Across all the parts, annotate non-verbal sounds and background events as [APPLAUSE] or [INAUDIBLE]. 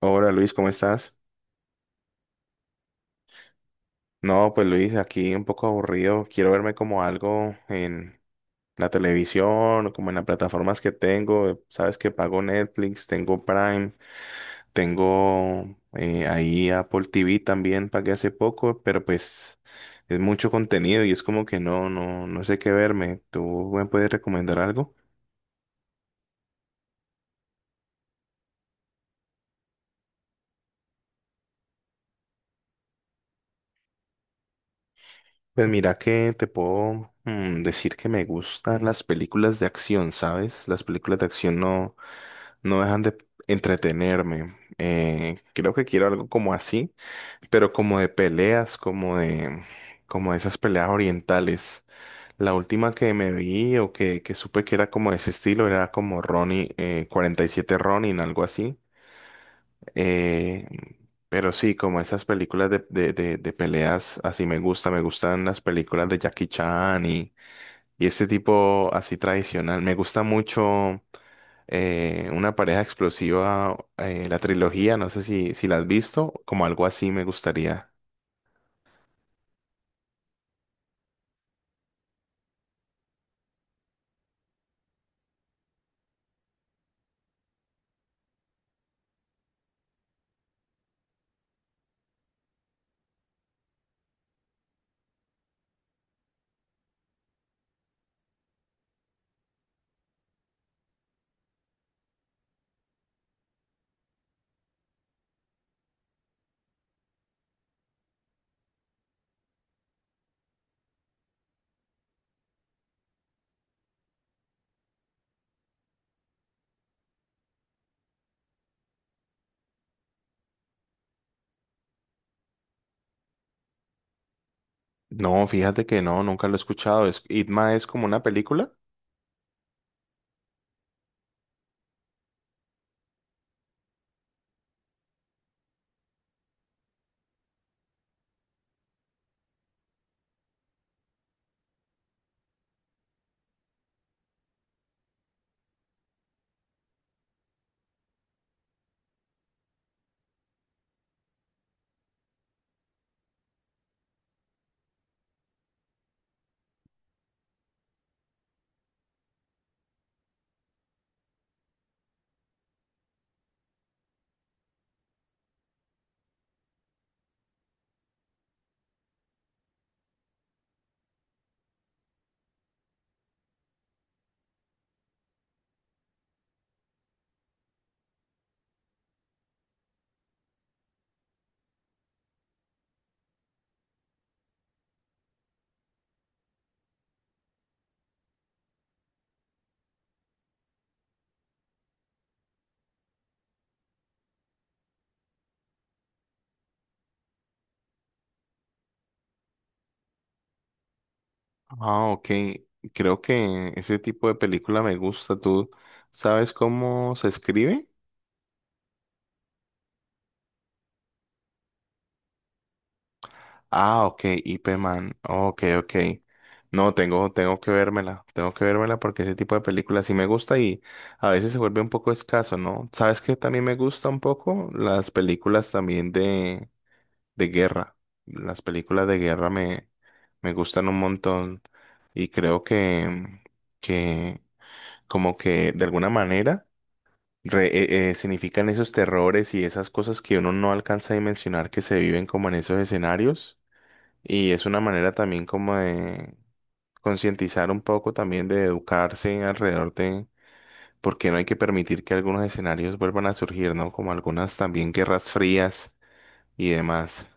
Hola Luis, ¿cómo estás? No, pues Luis, aquí un poco aburrido. Quiero verme como algo en la televisión o como en las plataformas que tengo. Sabes que pago Netflix, tengo Prime, tengo ahí Apple TV también, pagué hace poco, pero pues es mucho contenido y es como que no, no, no sé qué verme. ¿Tú me puedes recomendar algo? Pues mira que te puedo decir que me gustan las películas de acción, ¿sabes? Las películas de acción no dejan de entretenerme. Creo que quiero algo como así, pero como de peleas, como de esas peleas orientales. La última que me vi o que supe que era como de ese estilo era como Ronin, 47 Ronin, algo así. Eh, pero sí, como esas películas de peleas, así me gusta, me gustan las películas de Jackie Chan y este tipo así tradicional. Me gusta mucho una pareja explosiva, la trilogía, no sé si la has visto, como algo así me gustaría. No, fíjate que no, nunca lo he escuchado. Es, Itma es como una película. Ah, ok. Creo que ese tipo de película me gusta. ¿Tú sabes cómo se escribe? Ah, ok, IP Man. Ok, ok. No, tengo, tengo que vérmela. Tengo que vérmela porque ese tipo de películas sí me gusta y a veces se vuelve un poco escaso, ¿no? ¿Sabes qué también me gusta un poco? Las películas también de guerra. Las películas de guerra me gustan un montón y creo que como que de alguna manera significan esos terrores y esas cosas que uno no alcanza a dimensionar que se viven como en esos escenarios. Y es una manera también como de concientizar un poco, también de educarse alrededor de porque no hay que permitir que algunos escenarios vuelvan a surgir, ¿no? Como algunas también guerras frías y demás.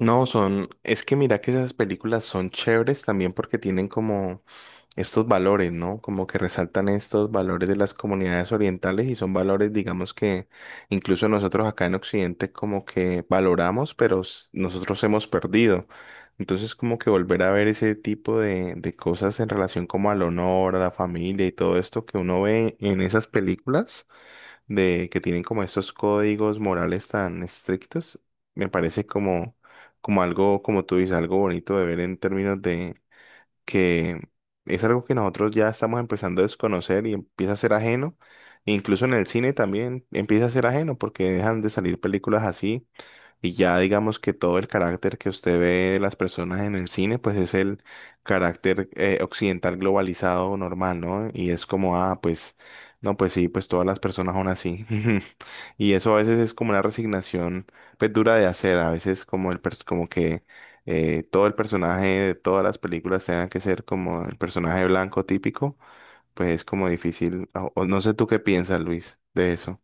No, son, es que mira que esas películas son chéveres también porque tienen como estos valores, ¿no? Como que resaltan estos valores de las comunidades orientales y son valores, digamos, que incluso nosotros acá en Occidente como que valoramos, pero nosotros hemos perdido. Entonces, como que volver a ver ese tipo de cosas en relación como al honor, a la familia y todo esto que uno ve en esas películas de que tienen como estos códigos morales tan estrictos, me parece como algo, como tú dices, algo bonito de ver en términos que es algo que nosotros ya estamos empezando a desconocer y empieza a ser ajeno. Incluso en el cine también empieza a ser ajeno porque dejan de salir películas así. Y ya digamos que todo el carácter que usted ve de las personas en el cine, pues es el carácter occidental globalizado normal, ¿no? Y es como, ah, pues, no, pues sí, pues todas las personas son así. [LAUGHS] Y eso a veces es como una resignación, pues dura de hacer, a veces como como que todo el personaje de todas las películas tenga que ser como el personaje blanco típico, pues es como difícil, o no sé tú qué piensas, Luis, de eso.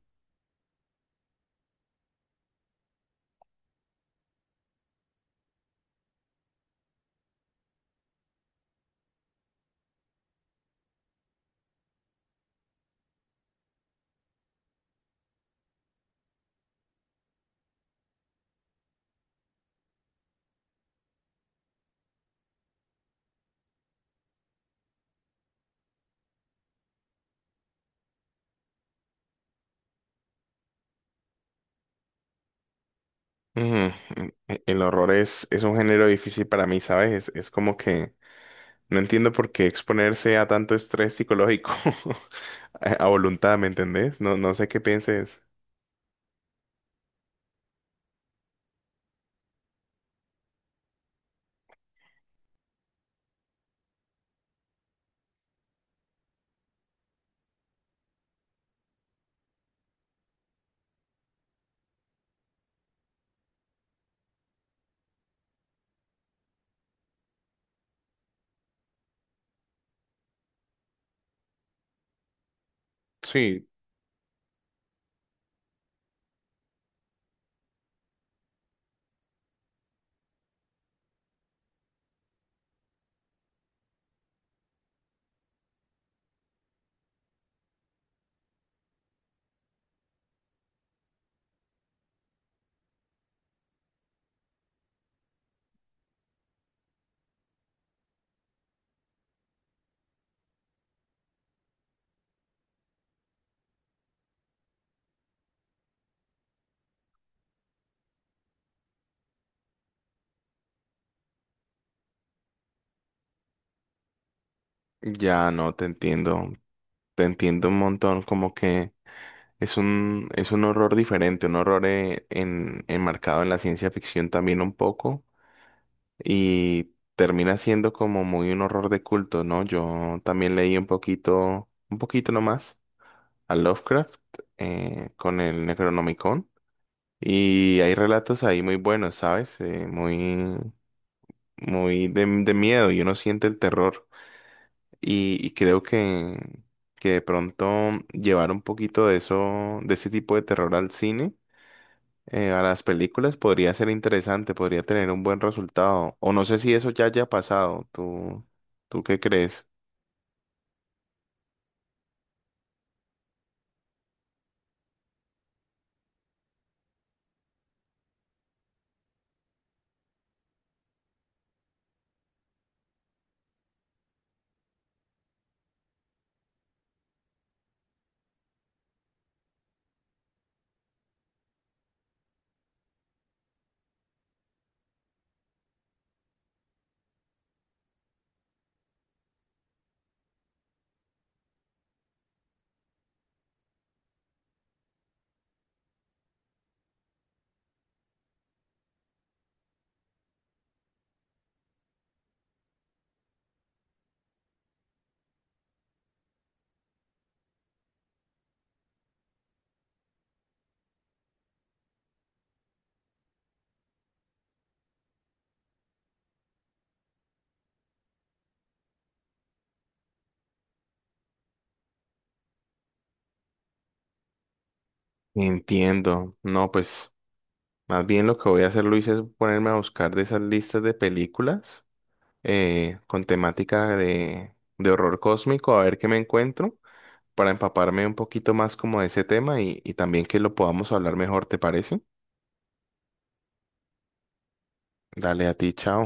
Ujú, el horror es un género difícil para mí, ¿sabes? Es como que no entiendo por qué exponerse a tanto estrés psicológico [LAUGHS] a voluntad, ¿me entendés? No, no sé qué pienses. Sí, ya no te entiendo. Te entiendo un montón, como que es un horror diferente, un horror enmarcado en la ciencia ficción también un poco y termina siendo como muy un horror de culto, ¿no? Yo también leí un poquito nomás a Lovecraft con el Necronomicon. Y hay relatos ahí muy buenos, ¿sabes? Muy, muy de miedo y uno siente el terror. Y creo que de pronto llevar un poquito de eso, de ese tipo de terror al cine, a las películas, podría ser interesante, podría tener un buen resultado. O no sé si eso ya haya pasado. ¿Tú, tú qué crees? Entiendo. No, pues, más bien lo que voy a hacer, Luis, es ponerme a buscar de esas listas de películas con temática de horror cósmico, a ver qué me encuentro, para empaparme un poquito más como de ese tema y también que lo podamos hablar mejor, ¿te parece? Dale a ti, chao.